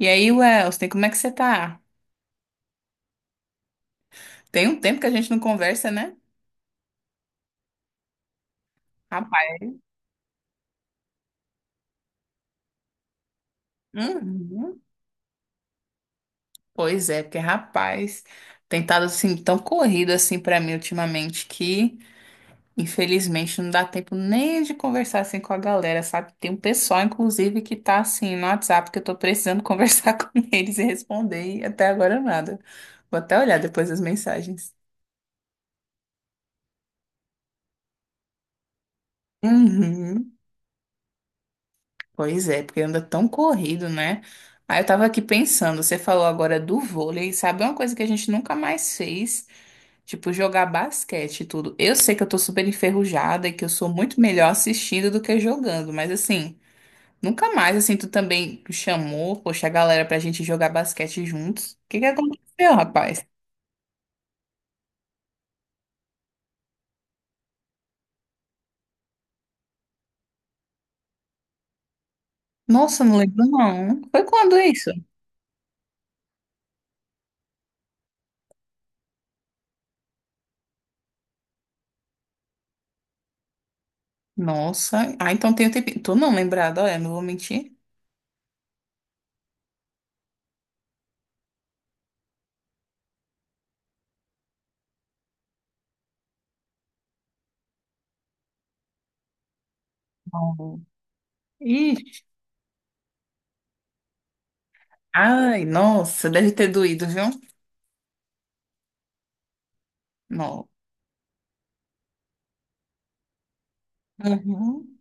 E aí, Welston, como é que você tá? Tem um tempo que a gente não conversa, né? Rapaz. Uhum. Pois é, porque rapaz, tem estado assim tão corrido assim pra mim ultimamente que infelizmente não dá tempo nem de conversar assim com a galera, sabe? Tem um pessoal inclusive que tá assim no WhatsApp que eu tô precisando conversar com eles e responder e até agora nada. Vou até olhar depois as mensagens. Uhum. Pois é, porque anda tão corrido, né? Aí eu tava aqui pensando, você falou agora do vôlei, sabe uma coisa que a gente nunca mais fez? Tipo, jogar basquete e tudo. Eu sei que eu tô super enferrujada e que eu sou muito melhor assistindo do que jogando, mas assim, nunca mais, assim, tu também chamou, poxa, a galera pra gente jogar basquete juntos. O que que aconteceu, rapaz? Nossa, não lembro não. Foi quando isso? Nossa, ah, então tem um tempinho. Tô não lembrada, olha, não vou mentir. Não. Ai, nossa, deve ter doído, viu? Não. Uhum.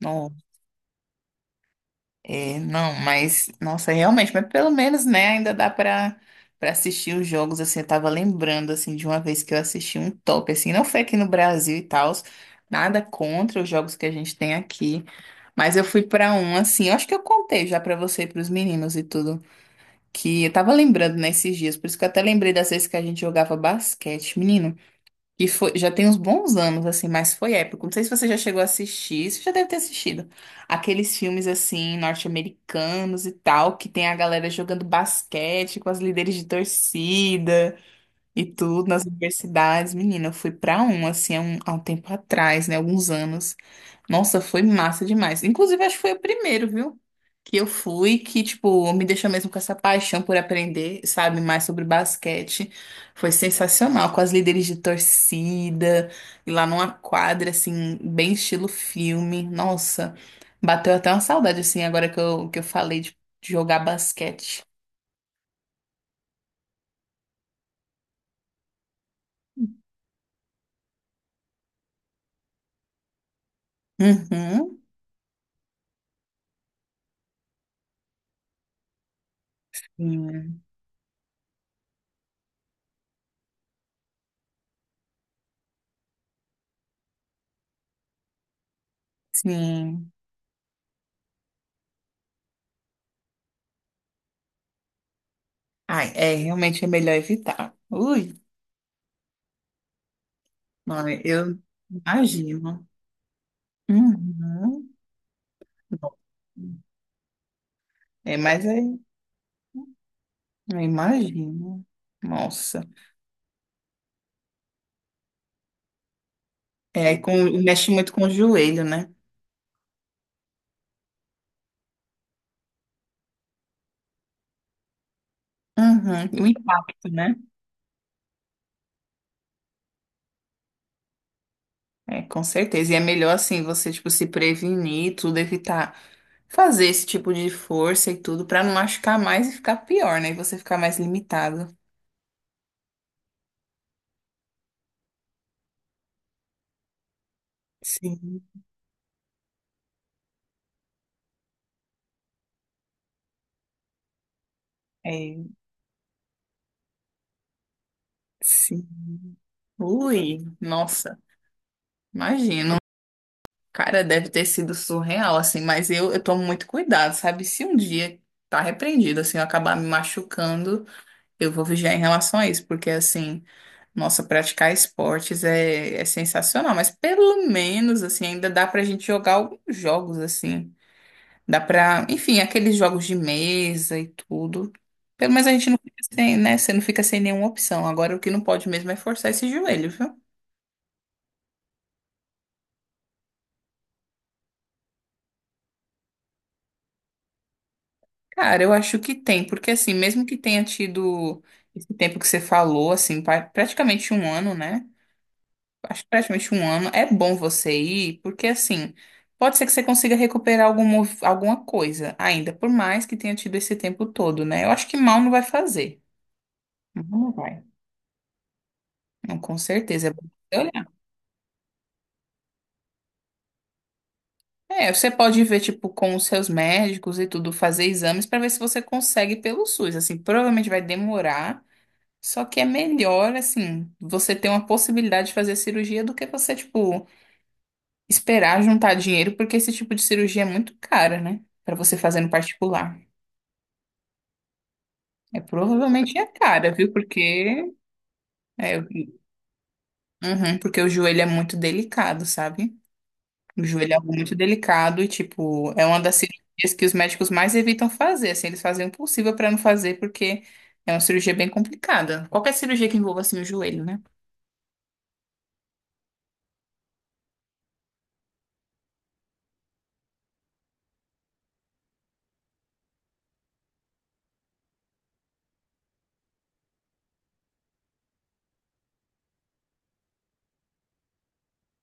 Não, é, não, mas, nossa, realmente, mas pelo menos, né, ainda dá pra, pra assistir os jogos, assim, eu tava lembrando, assim, de uma vez que eu assisti um top, assim, não foi aqui no Brasil e tal, nada contra os jogos que a gente tem aqui, mas eu fui pra um, assim, eu acho que eu contei já pra você e pros meninos e tudo, que eu tava lembrando nesses dias, por isso que eu até lembrei das vezes que a gente jogava basquete, menino. E foi, já tem uns bons anos, assim, mas foi épico. Não sei se você já chegou a assistir, você já deve ter assistido. Aqueles filmes, assim, norte-americanos e tal, que tem a galera jogando basquete com as líderes de torcida. E tudo nas universidades, menina, eu fui pra um, assim, há um tempo atrás, né, alguns anos. Nossa, foi massa demais. Inclusive, acho que foi o primeiro, viu? Que eu fui, que, tipo, me deixou mesmo com essa paixão por aprender, sabe, mais sobre basquete. Foi sensacional, com as líderes de torcida, e lá numa quadra, assim, bem estilo filme. Nossa, bateu até uma saudade, assim, agora que eu falei de jogar basquete. Uhum. Sim. Sim. Ai, é, realmente é melhor evitar. Ui, não, eu imagino. Uhum. É, mas aí, eu imagino. Nossa. É, com, mexe muito com o joelho, né? Uhum. O impacto, né? É, com certeza. E é melhor, assim, você, tipo, se prevenir, tudo, evitar fazer esse tipo de força e tudo, pra não machucar mais e ficar pior, né? E você ficar mais limitado. Sim. É, sim. Ui, nossa, imagino. Cara, deve ter sido surreal, assim, mas eu tomo muito cuidado, sabe? Se um dia tá repreendido, assim, eu acabar me machucando, eu vou vigiar em relação a isso, porque, assim, nossa, praticar esportes é, é sensacional, mas pelo menos, assim, ainda dá pra gente jogar alguns jogos, assim, dá pra, enfim, aqueles jogos de mesa e tudo. Pelo menos a gente não fica sem, né? Você não fica sem nenhuma opção. Agora, o que não pode mesmo é forçar esse joelho, viu? Cara, eu acho que tem, porque assim, mesmo que tenha tido esse tempo que você falou, assim, praticamente um ano, né? Acho que praticamente um ano, é bom você ir, porque assim, pode ser que você consiga recuperar algum, alguma coisa ainda, por mais que tenha tido esse tempo todo, né? Eu acho que mal não vai fazer. Não vai. Não, com certeza, é bom você olhar. É, você pode ver, tipo, com os seus médicos e tudo, fazer exames para ver se você consegue pelo SUS. Assim, provavelmente vai demorar. Só que é melhor, assim, você ter uma possibilidade de fazer cirurgia do que você, tipo, esperar juntar dinheiro, porque esse tipo de cirurgia é muito cara, né? Pra você fazer no particular. É provavelmente é cara, viu? Porque é, uhum, porque o joelho é muito delicado, sabe? O joelho é algo muito delicado e, tipo, é uma das cirurgias que os médicos mais evitam fazer. Assim, eles fazem o possível pra não fazer, porque é uma cirurgia bem complicada. Qualquer cirurgia que envolva, assim, o joelho, né?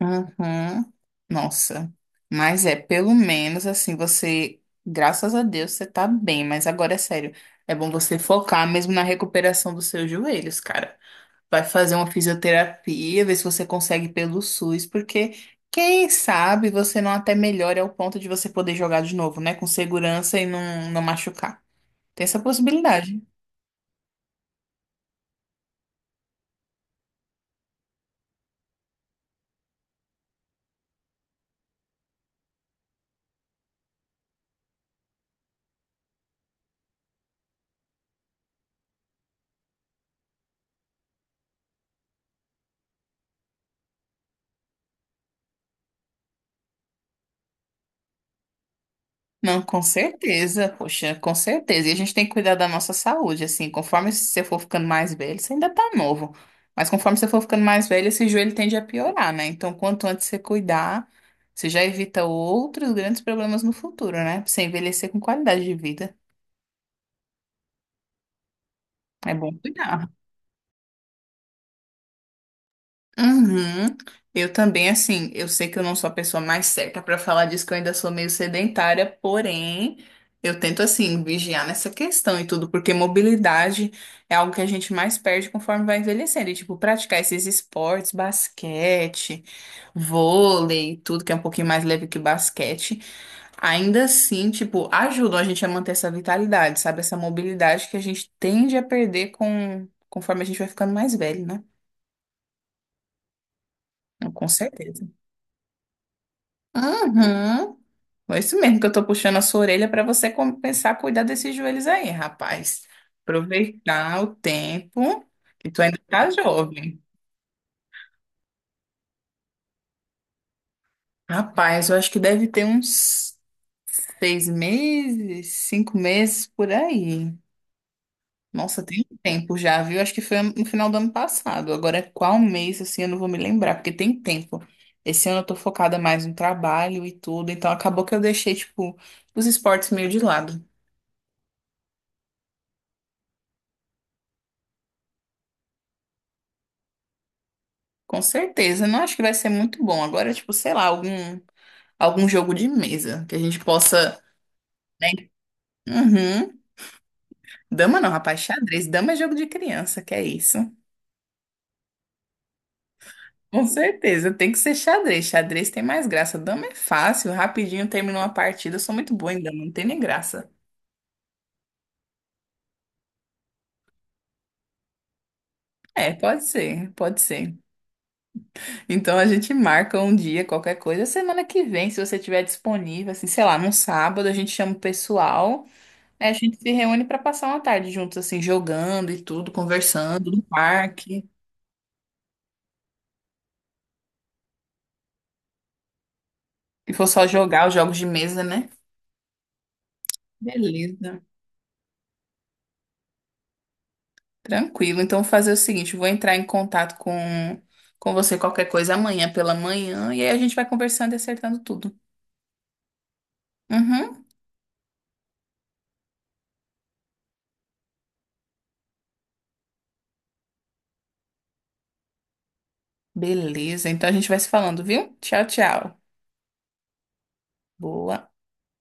Uhum. Nossa, mas é, pelo menos assim, você, graças a Deus, você tá bem, mas agora é sério, é bom você focar mesmo na recuperação dos seus joelhos, cara. Vai fazer uma fisioterapia, ver se você consegue pelo SUS, porque quem sabe você não até melhora ao ponto de você poder jogar de novo, né, com segurança e não, não machucar. Tem essa possibilidade. Não, com certeza, poxa, com certeza. E a gente tem que cuidar da nossa saúde, assim, conforme você for ficando mais velho, você ainda tá novo, mas conforme você for ficando mais velho, esse joelho tende a piorar, né? Então, quanto antes você cuidar, você já evita outros grandes problemas no futuro, né? Pra você envelhecer com qualidade de vida. É bom cuidar. Uhum. Eu também, assim, eu sei que eu não sou a pessoa mais certa para falar disso, que eu ainda sou meio sedentária, porém, eu tento, assim, vigiar nessa questão e tudo, porque mobilidade é algo que a gente mais perde conforme vai envelhecendo. E, tipo, praticar esses esportes, basquete, vôlei, tudo que é um pouquinho mais leve que basquete, ainda assim, tipo, ajudam a gente a manter essa vitalidade, sabe? Essa mobilidade que a gente tende a perder com, conforme a gente vai ficando mais velho, né? Com certeza. Uhum. É isso mesmo que eu tô puxando a sua orelha para você começar a cuidar desses joelhos aí, rapaz. Aproveitar o tempo que tu ainda tá jovem. Rapaz, eu acho que deve ter uns 6 meses, 5 meses por aí. Nossa, tem um tempo já, viu? Acho que foi no final do ano passado. Agora, é qual mês, assim, eu não vou me lembrar, porque tem tempo. Esse ano eu tô focada mais no trabalho e tudo, então acabou que eu deixei, tipo, os esportes meio de lado. Com certeza, não acho que vai ser muito bom. Agora, tipo, sei lá, algum, algum jogo de mesa que a gente possa, né? Uhum. Dama não, rapaz, xadrez. Dama é jogo de criança, que é isso. Com certeza, tem que ser xadrez. Xadrez tem mais graça. Dama é fácil, rapidinho terminou uma partida. Eu sou muito boa em dama, não tem nem graça. É, pode ser, pode ser. Então a gente marca um dia, qualquer coisa, semana que vem, se você tiver disponível, assim, sei lá, num sábado, a gente chama o pessoal. É, a gente se reúne pra passar uma tarde juntos, assim, jogando e tudo, conversando no parque. Se for só jogar os jogos de mesa, né? Beleza. Tranquilo. Então, vou fazer o seguinte: vou entrar em contato com você qualquer coisa amanhã pela manhã e aí a gente vai conversando e acertando tudo. Uhum. Beleza. Então, a gente vai se falando, viu? Tchau, tchau. Boa.